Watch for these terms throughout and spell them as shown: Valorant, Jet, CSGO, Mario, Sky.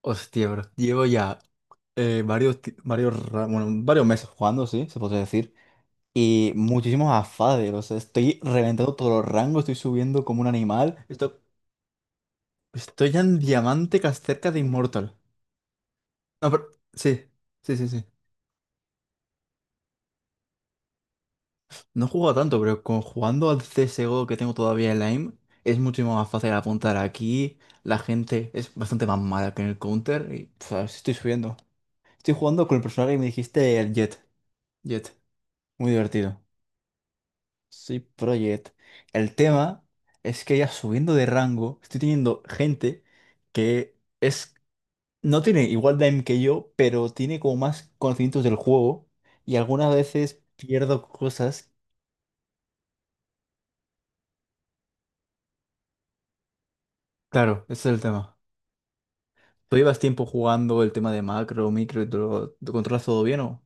Hostia, bro. Llevo ya varios meses jugando, sí, se puede decir. Y muchísimos afades. O sea, estoy reventando todos los rangos, estoy subiendo como un animal. Estoy ya en diamante cerca de Immortal. No, pero, sí, sí, sí. No he jugado tanto, pero con, jugando al CSGO que tengo todavía en la aim, es muchísimo más fácil apuntar aquí. La gente es bastante más mala que en el counter. Y, pf, estoy subiendo. Estoy jugando con el personaje que me dijiste, el Jet. Jet. Muy divertido. Sí, Project. El tema es que ya subiendo de rango, estoy teniendo gente que es, no tiene igual de aim que yo, pero tiene como más conocimientos del juego y algunas veces pierdo cosas. Claro, ese es el tema. ¿Tú llevas tiempo jugando el tema de macro, micro y todo? ¿Lo controlas todo bien o?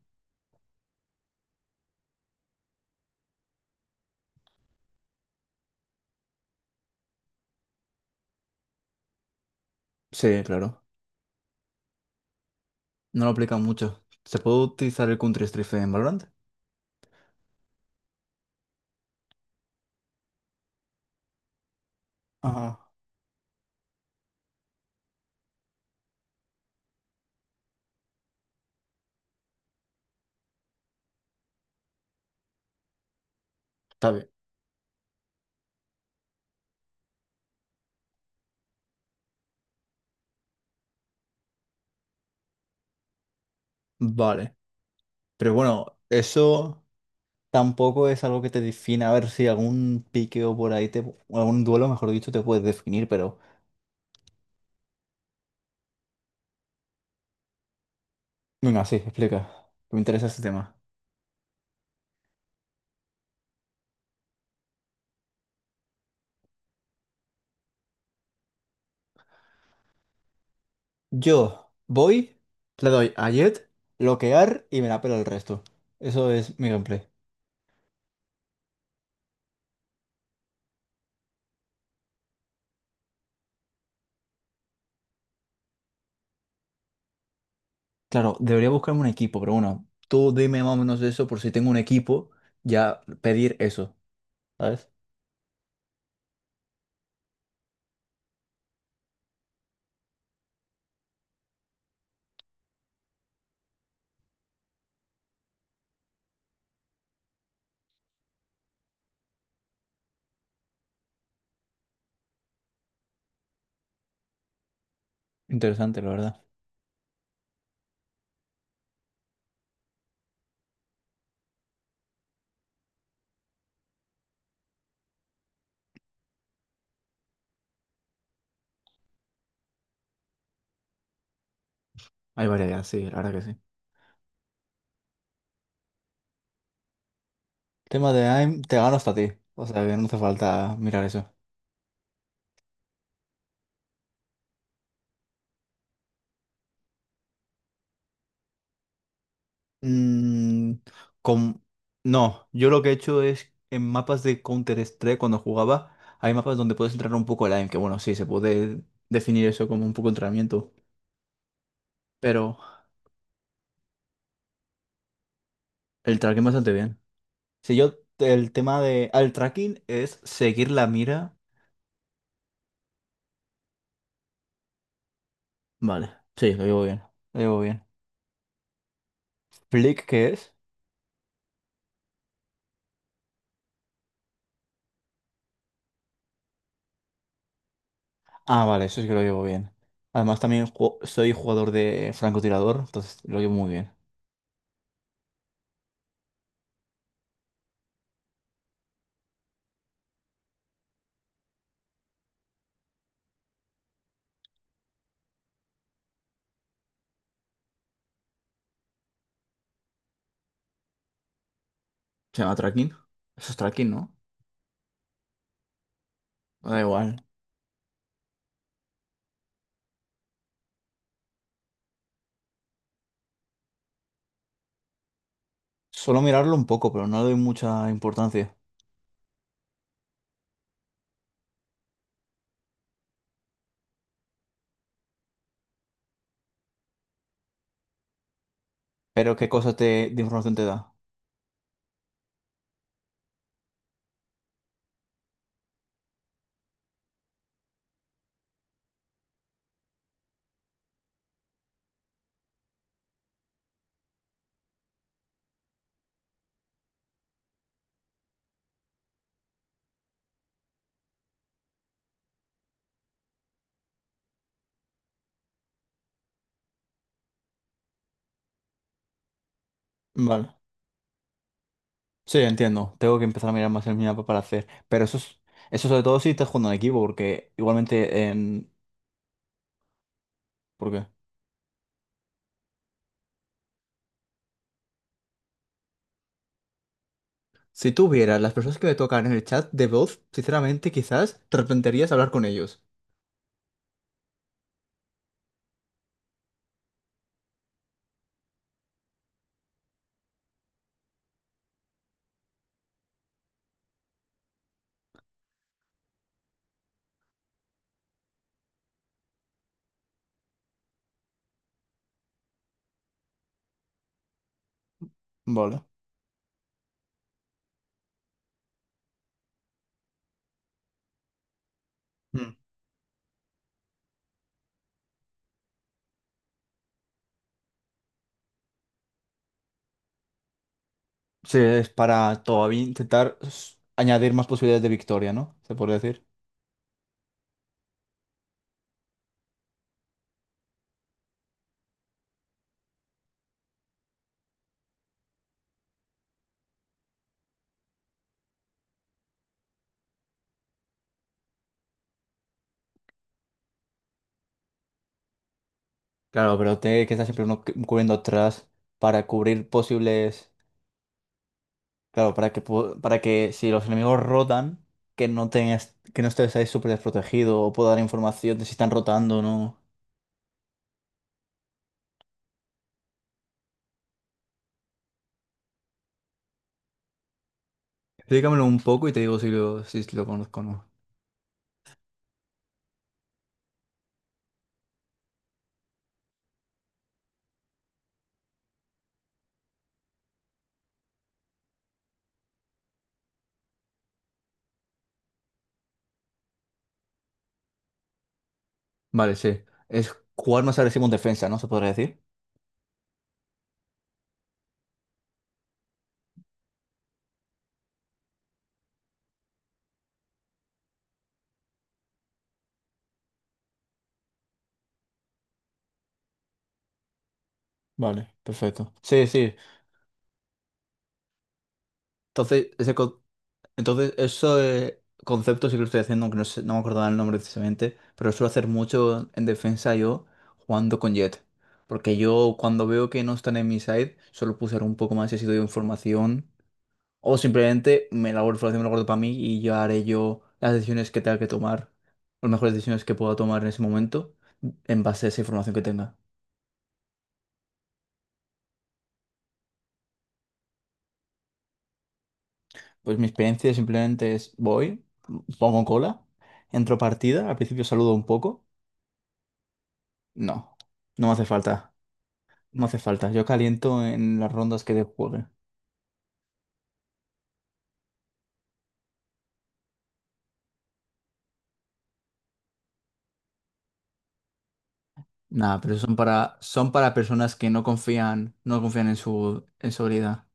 Sí, claro. No lo aplican mucho. ¿Se puede utilizar el Counter-Strike en Valorant? Ajá. Está bien. Vale. Pero bueno, eso. Tampoco es algo que te defina. A ver si algún piqueo por ahí, te, o algún duelo, mejor dicho, te puedes definir, pero... Venga, sí, explica. Me interesa este tema. Yo voy, le doy a Jet, bloquear y me la pela el resto. Eso es mi gameplay. Claro, debería buscarme un equipo, pero bueno, tú dime más o menos eso por si tengo un equipo, ya pedir eso, ¿sabes? Interesante, la verdad. Hay variedad, sí, la verdad que sí. Tema de AIM, te gano hasta a ti. O sea que no hace falta mirar eso. Mm, con... No, yo lo que he hecho es en mapas de Counter-Strike cuando jugaba, hay mapas donde puedes entrar un poco online, que bueno, sí, se puede definir eso como un poco entrenamiento, pero el tracking bastante bien. Si yo, el tema de... al tracking es seguir la mira. Vale, sí, lo llevo bien, lo llevo bien. Flick, ¿qué es? Ah, vale, eso sí que lo llevo bien. Además también soy jugador de francotirador, entonces lo llevo muy bien. ¿Se llama tracking? Eso es tracking, ¿no? Da igual. Solo mirarlo un poco, pero no le doy mucha importancia. Pero ¿qué cosa te, de información te da? Vale. Sí, entiendo. Tengo que empezar a mirar más el mapa para hacer. Pero eso es, eso sobre todo si estás jugando en equipo, porque igualmente en... ¿Por qué? Si tú vieras las personas que me tocan en el chat de voz, sinceramente quizás te arrepentirías de hablar con ellos. Vale. Mm. Sí, es para todavía intentar añadir más posibilidades de victoria, ¿no? Se podría decir. Claro, pero te que estar siempre uno cubriendo atrás para cubrir posibles... Claro, para que, para que si los enemigos rotan, que no tengas, que no estés ahí súper desprotegido o pueda dar información de si están rotando o no. Explícamelo un poco y te digo si lo, si lo conozco o no. Vale, sí. Es jugar más agresivo en defensa, ¿no? ¿Se podría decir? Vale, perfecto. Sí, sí. Entonces, ese co- entonces eso concepto sí que lo estoy haciendo, aunque no me acordaba el nombre precisamente, pero suelo hacer mucho en defensa yo jugando con Jet. Porque yo cuando veo que no están en mi side, solo puedo usar un poco más y así doy información. O simplemente me la guardo para mí y yo haré yo las decisiones que tenga que tomar, las mejores decisiones que pueda tomar en ese momento, en base a esa información que tenga. Pues mi experiencia simplemente es voy, pongo cola, entro partida, al principio saludo un poco. No, no me hace falta. No me hace falta. Yo caliento en las rondas que de juegue. Nada, pero son para, son para personas que no confían, no confían en su habilidad.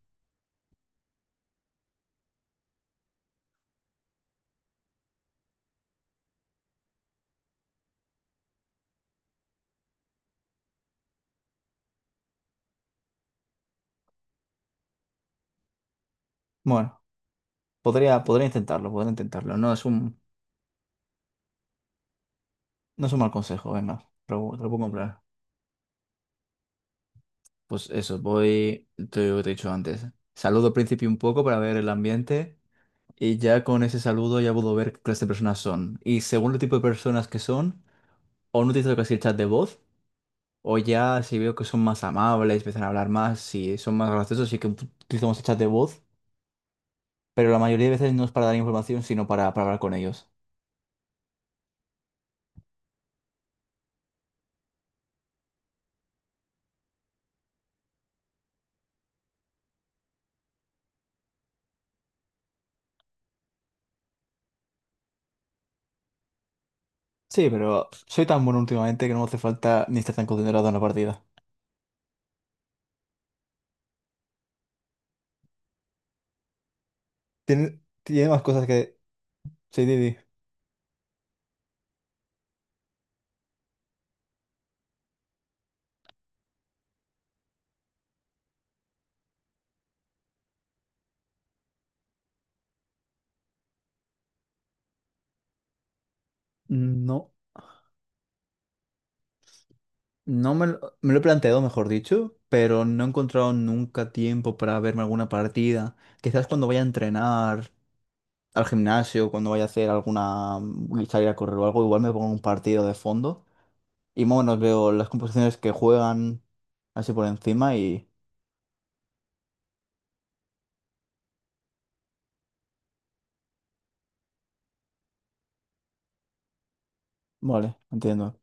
Bueno, podría, podría intentarlo, podría intentarlo. No es un, no es un mal consejo, venga, te lo puedo comprar. Pues eso, voy, te lo he dicho antes. Saludo al principio un poco para ver el ambiente y ya con ese saludo ya puedo ver qué clase de personas son. Y según el tipo de personas que son, o no utilizo casi el chat de voz, o ya si veo que son más amables, empiezan a hablar más, si son más graciosos, sí que utilizamos el chat de voz, pero la mayoría de veces no es para dar información, sino para hablar con ellos. Sí, pero soy tan bueno últimamente que no me hace falta ni estar tan concentrado en la partida. Tiene, tiene más cosas que... Sí, Didi. No, no me lo, me lo he planteado, mejor dicho, pero no he encontrado nunca tiempo para verme alguna partida. Quizás cuando vaya a entrenar al gimnasio, cuando vaya a hacer alguna salir a correr o algo, igual me pongo un partido de fondo y más o menos veo las composiciones que juegan así por encima y vale, entiendo.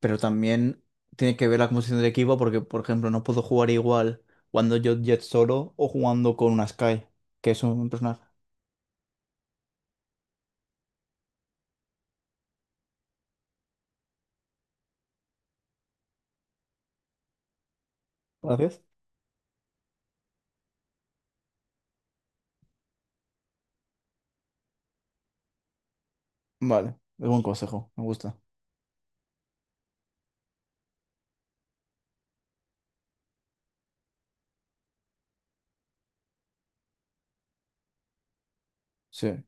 Pero también tiene que ver la composición del equipo porque, por ejemplo, no puedo jugar igual cuando yo Jet solo o jugando con una Sky, que es un personaje. Vale, es buen consejo, me gusta. Sí.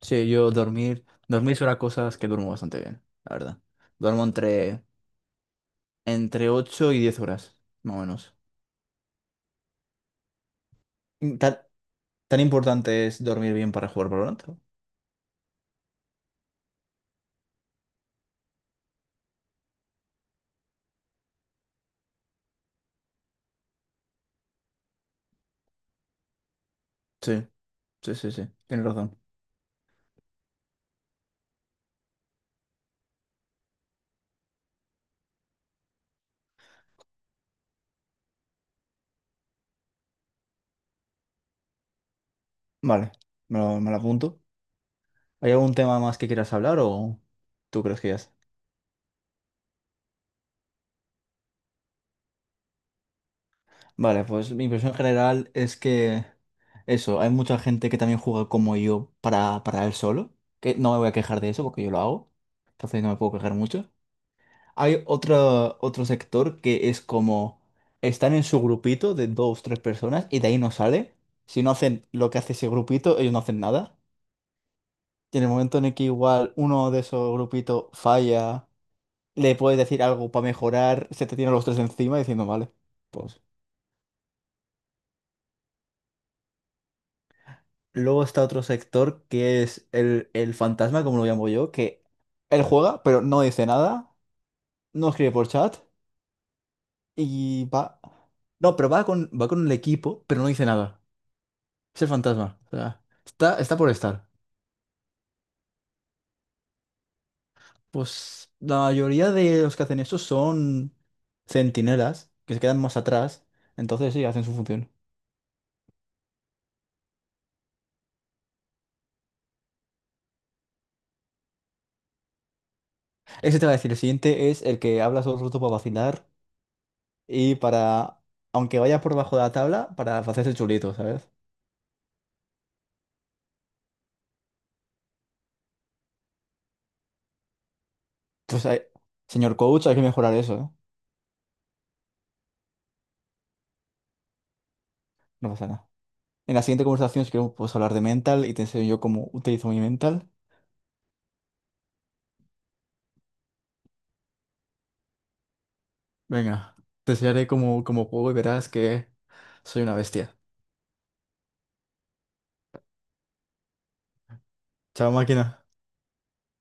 Sí, yo dormir, dormir son las cosas que duermo bastante bien, la verdad. Duermo entre, entre 8 y 10 horas, más o menos. Y ¿Tan, tan importante es dormir bien para jugar Valorant? Sí, sí, sí, tienes razón. Vale, me lo apunto. ¿Hay algún tema más que quieras hablar o tú crees que ya? Vale, pues mi impresión general es que eso, hay mucha gente que también juega como yo para él solo, que no me voy a quejar de eso porque yo lo hago, entonces no me puedo quejar mucho. Hay otro, otro sector que es como están en su grupito de dos, tres personas y de ahí no sale. Si no hacen lo que hace ese grupito, ellos no hacen nada. Y en el momento en el que igual uno de esos grupitos falla, le puedes decir algo para mejorar, se te tienen los tres encima diciendo, vale, pues luego está otro sector que es el fantasma, como lo llamo yo, que él juega, pero no dice nada, no escribe por chat y va. No, pero va con el equipo, pero no dice nada. Es el fantasma. O sea, está, está por estar. Pues la mayoría de los que hacen eso son centinelas, que se quedan más atrás. Entonces sí, hacen su función. Ese te va a decir, el siguiente es el que habla todo el rato para vacilar y para, aunque vaya por bajo de la tabla, para hacerse el chulito, ¿sabes? Pues, hay- señor coach, hay que mejorar eso, ¿eh? No pasa nada. En la siguiente conversación, si queremos, podemos hablar de mental y te enseño yo cómo utilizo mi mental. Venga, te enseñaré cómo, cómo juego y verás que soy una bestia. Chao, máquina.